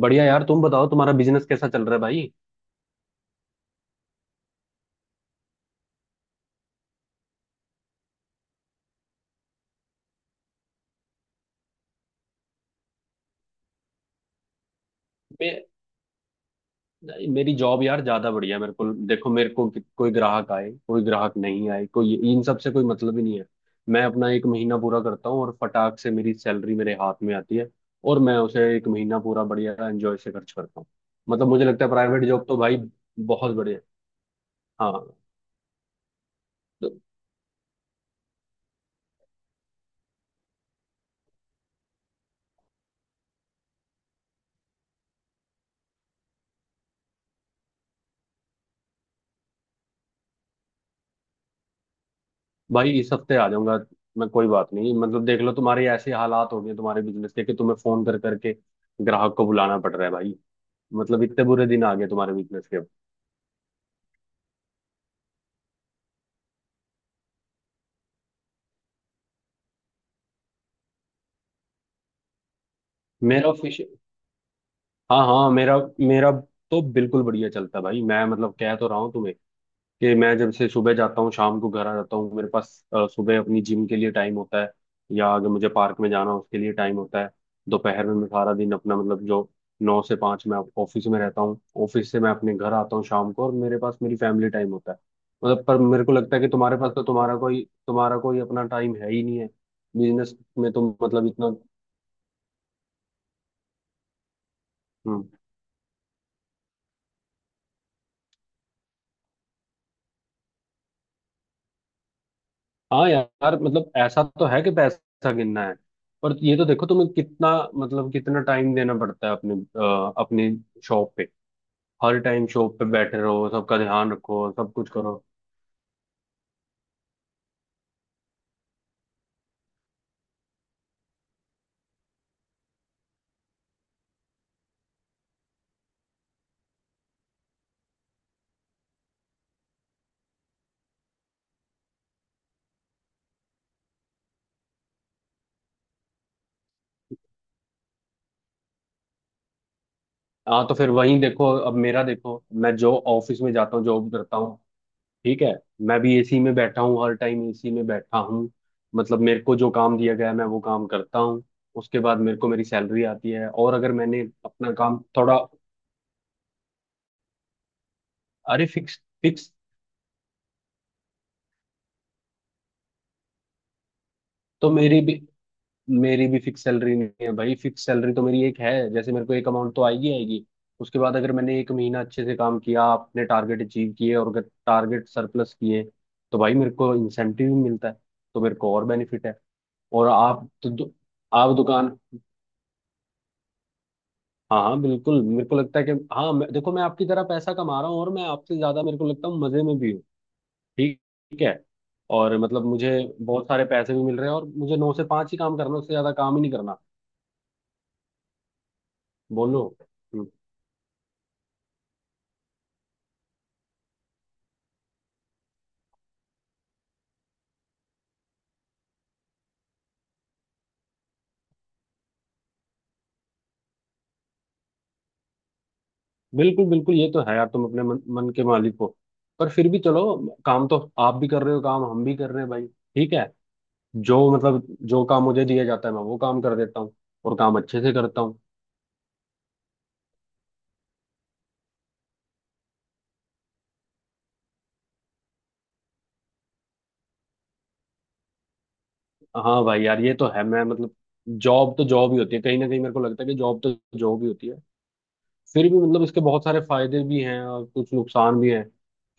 बढ़िया यार, तुम बताओ तुम्हारा बिजनेस कैसा चल रहा है भाई। मैं मेरी जॉब यार ज्यादा बढ़िया है। मेरे को देखो, कोई ग्राहक आए, कोई ग्राहक नहीं आए, कोई इन सब से कोई मतलब ही नहीं है। मैं अपना एक महीना पूरा करता हूँ और फटाक से मेरी सैलरी मेरे हाथ में आती है। और मैं उसे एक महीना पूरा बढ़िया एंजॉय से खर्च करता हूँ। मतलब मुझे लगता है प्राइवेट जॉब तो भाई बहुत बढ़िया। हाँ। तो भाई इस हफ्ते आ जाऊंगा। मैं, कोई बात नहीं, मतलब देख लो तुम्हारे ऐसे हालात हो गए तुम्हारे बिजनेस के कि तुम्हें फोन कर करके ग्राहक को बुलाना पड़ रहा है भाई। मतलब इतने बुरे दिन आ गए तुम्हारे बिजनेस के अब। मेरा फिश हाँ हाँ, मेरा मेरा तो बिल्कुल बढ़िया चलता है भाई। मैं मतलब कह तो रहा हूँ तुम्हें कि मैं जब से सुबह जाता हूँ शाम को घर आ जाता हूँ, मेरे पास सुबह अपनी जिम के लिए टाइम होता है। या अगर मुझे पार्क में जाना हो, उसके लिए टाइम होता है। दोपहर में मैं सारा दिन अपना मतलब जो 9 से 5 मैं ऑफिस में रहता हूँ, ऑफिस से मैं अपने घर आता हूँ शाम को, और मेरे पास मेरी फैमिली टाइम होता है। मतलब पर मेरे को लगता है कि तुम्हारे पास तो तुम्हारा कोई अपना टाइम है ही नहीं है। बिजनेस में तुम मतलब इतना। हम्म। हाँ यार, मतलब ऐसा तो है कि पैसा गिनना है। पर ये तो देखो तुम्हें कितना, मतलब कितना टाइम देना पड़ता है अपनी शॉप पे। हर टाइम शॉप पे बैठे रहो, सबका ध्यान रखो, सब कुछ करो। हाँ तो फिर वहीं देखो, अब मेरा देखो, मैं जो ऑफिस में जाता हूँ जॉब करता हूँ। ठीक है। मैं भी एसी में बैठा हूँ, हर टाइम एसी में बैठा हूँ। मतलब मेरे को जो काम दिया गया है मैं वो काम करता हूँ। उसके बाद मेरे को मेरी सैलरी आती है। और अगर मैंने अपना काम थोड़ा, अरे, फिक्स फिक्स। तो मेरी भी फिक्स सैलरी नहीं है भाई। फिक्स सैलरी तो मेरी एक है, जैसे मेरे को एक अमाउंट तो आएगी आएगी। उसके बाद अगर मैंने एक महीना अच्छे से काम किया, अपने टारगेट अचीव किए और अगर टारगेट सरप्लस किए, तो भाई मेरे को इंसेंटिव भी मिलता है। तो मेरे को और बेनिफिट है। और आप तो दु, आप दुकान। हाँ हाँ, बिल्कुल, मेरे को लगता है कि हाँ। देखो मैं आपकी तरह पैसा कमा रहा हूँ, और मैं आपसे ज्यादा मेरे को लगता हूँ मजे में भी हूँ। ठीक। ठीक है। और मतलब मुझे बहुत सारे पैसे भी मिल रहे हैं, और मुझे 9 से 5 ही काम करना, उससे ज्यादा काम ही नहीं करना। बोलो। बिल्कुल बिल्कुल, ये तो है यार तुम अपने मन के मालिक हो। पर फिर भी चलो, काम तो आप भी कर रहे हो, काम हम भी कर रहे हैं भाई, ठीक है। जो मतलब जो काम मुझे दिया जाता है मैं वो काम कर देता हूँ। और काम अच्छे से करता हूँ। हाँ भाई यार, ये तो है। मैं मतलब जॉब तो जॉब ही होती है कहीं ना कहीं, मेरे को लगता है कि जॉब तो जॉब ही होती है। फिर भी मतलब इसके बहुत सारे फायदे भी हैं और कुछ नुकसान भी हैं।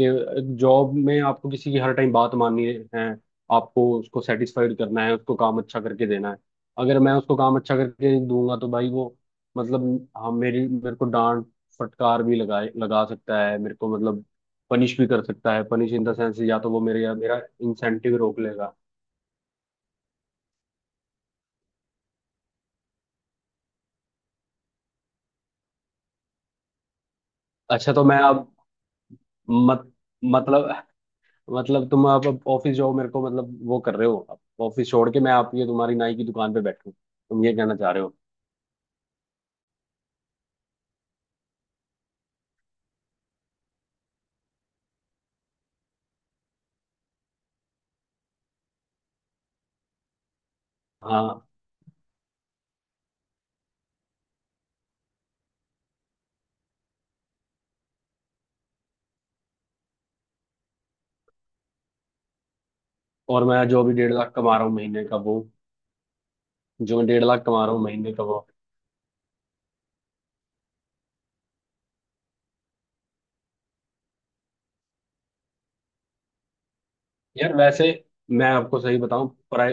कि जॉब में आपको किसी की हर टाइम बात माननी है। आपको उसको सेटिस्फाइड करना है, उसको काम अच्छा करके देना है। अगर मैं उसको काम अच्छा करके दूंगा तो भाई वो, मतलब, हाँ, मेरी मेरे को डांट फटकार भी लगा सकता है। मेरे को मतलब पनिश भी कर सकता है। पनिश इन द सेंस, या तो वो मेरे या मेरा इंसेंटिव रोक लेगा। अच्छा तो मैं अब, मत मतलब मतलब तुम आप अब ऑफिस जॉब मेरे को मतलब वो कर रहे हो, आप ऑफिस छोड़ के मैं आप ये तुम्हारी नाई की दुकान पे बैठूं, तुम ये कहना चाह रहे हो। हाँ। और मैं जो अभी 1.5 लाख कमा रहा हूँ महीने का वो, जो मैं 1.5 लाख कमा रहा हूँ महीने का वो। यार वैसे मैं आपको सही बताऊं,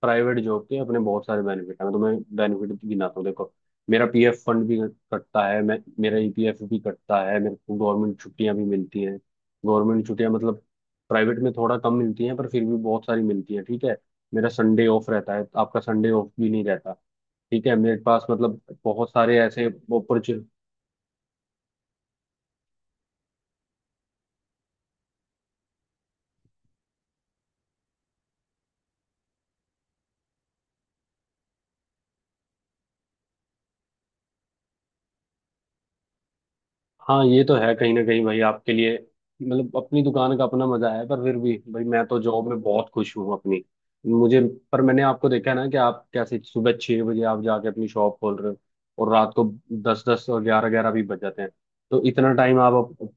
प्राइवेट जॉब के अपने बहुत सारे बेनिफिट हैं, तो मैं तुम्हें बेनिफिट गिनाता हूं, देखो। मेरा पीएफ फंड भी कटता है। मैं मेरा ईपीएफ भी कटता है। मेरे को गवर्नमेंट छुट्टियां भी मिलती हैं। गवर्नमेंट छुट्टियां मतलब प्राइवेट में थोड़ा कम मिलती हैं, पर फिर भी बहुत सारी मिलती हैं, ठीक है। मेरा संडे ऑफ रहता है, आपका संडे ऑफ भी नहीं रहता। ठीक है, मेरे पास मतलब बहुत सारे ऐसे। हाँ ये तो है कहीं ना कहीं भाई आपके लिए, मतलब अपनी दुकान का अपना मजा है, पर फिर भी भाई मैं तो जॉब में बहुत खुश हूँ अपनी। मुझे, पर मैंने आपको देखा है ना कि आप कैसे सुबह 6 बजे आप जाके अपनी शॉप खोल रहे हो, और रात को दस दस और ग्यारह ग्यारह भी बज जाते हैं। तो इतना टाइम आप आप-।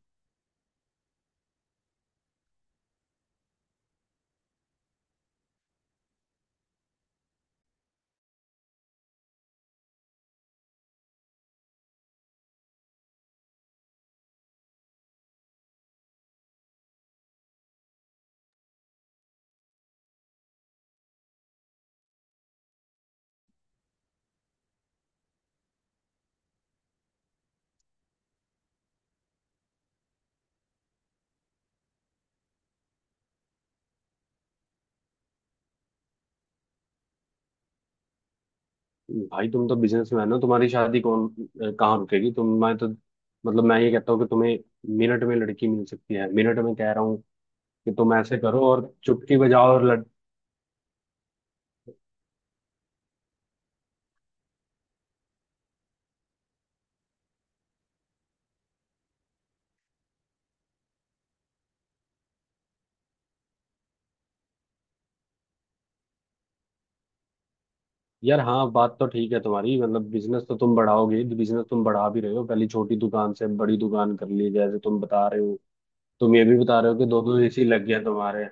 भाई तुम तो बिजनेसमैन हो, तुम्हारी शादी कहाँ रुकेगी। तुम, मैं तो मतलब मैं ये कहता हूँ कि तुम्हें मिनट में लड़की मिल सकती है, मिनट में कह रहा हूँ कि तुम ऐसे करो और चुटकी बजाओ और, यार हाँ बात तो ठीक है तुम्हारी। मतलब बिजनेस तो तुम बढ़ाओगे, बिजनेस तुम बढ़ा भी रहे हो, पहले छोटी दुकान से बड़ी दुकान कर ली जैसे तुम बता रहे हो। तुम ये भी बता रहे हो कि दो दो एसी लग गया तुम्हारे।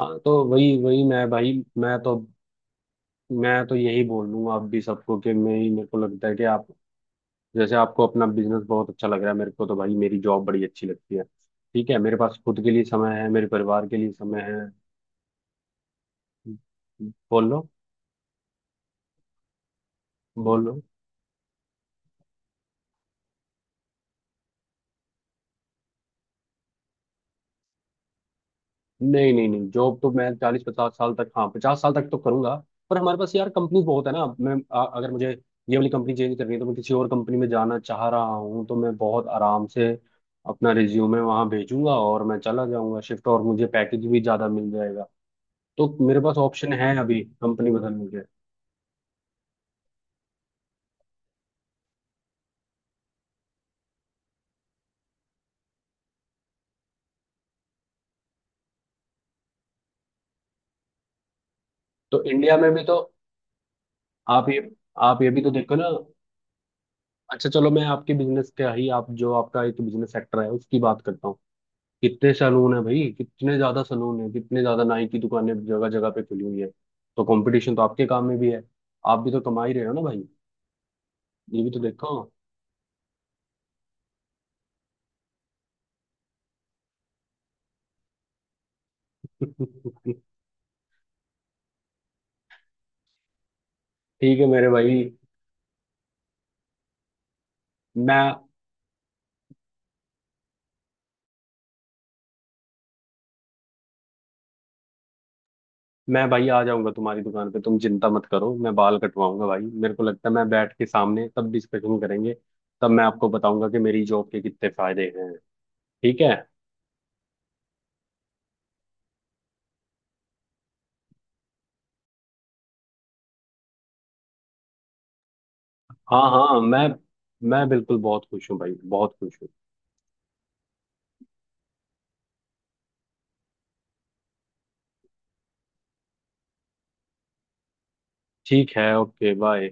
हाँ तो वही वही मैं भाई, मैं तो, मैं तो यही बोल लूंगा आप भी सबको कि मैं ही मेरे को लगता है कि आप, जैसे आपको अपना बिजनेस बहुत अच्छा लग रहा है, मेरे को तो भाई मेरी जॉब बड़ी अच्छी लगती है, ठीक है। मेरे पास खुद के लिए समय है, मेरे परिवार के लिए समय है। बोलो। बोलो। नहीं नहीं नहीं, जॉब तो मैं 40-50 साल तक, हाँ, 50 साल तक तो करूंगा। पर हमारे पास यार कंपनी बहुत है ना, मैं अगर मुझे ये वाली कंपनी चेंज करनी है तो मैं किसी और कंपनी में जाना चाह रहा हूँ, तो मैं बहुत आराम से अपना रिज्यूमे वहां भेजूंगा और मैं चला जाऊंगा शिफ्ट, और मुझे पैकेज भी ज्यादा मिल जाएगा। तो मेरे पास ऑप्शन है अभी कंपनी बदलने के। तो इंडिया में भी तो आप ये आप ये भी तो देखो ना। अच्छा चलो, मैं आपके बिजनेस का ही, आप जो आपका एक बिजनेस सेक्टर है उसकी बात करता हूँ। कितने सैलून है भाई, कितने ज्यादा सैलून है, कितने ज्यादा नाई की दुकानें जगह जगह पे खुली हुई है। तो कंपटीशन तो आपके काम में भी है। आप भी तो कमा ही रहे हो ना भाई। ये भी तो देखो। ठीक है मेरे भाई। मैं मैं भाई आ जाऊंगा तुम्हारी दुकान पे, तुम चिंता मत करो, मैं बाल कटवाऊंगा भाई, मेरे को लगता है मैं बैठ के सामने तब डिस्कशन करेंगे। तब मैं आपको बताऊंगा कि मेरी जॉब के कितने फायदे हैं, ठीक है। हाँ हाँ, मैं बिल्कुल बहुत खुश हूँ भाई, बहुत खुश हूँ। ठीक है, ओके, बाय।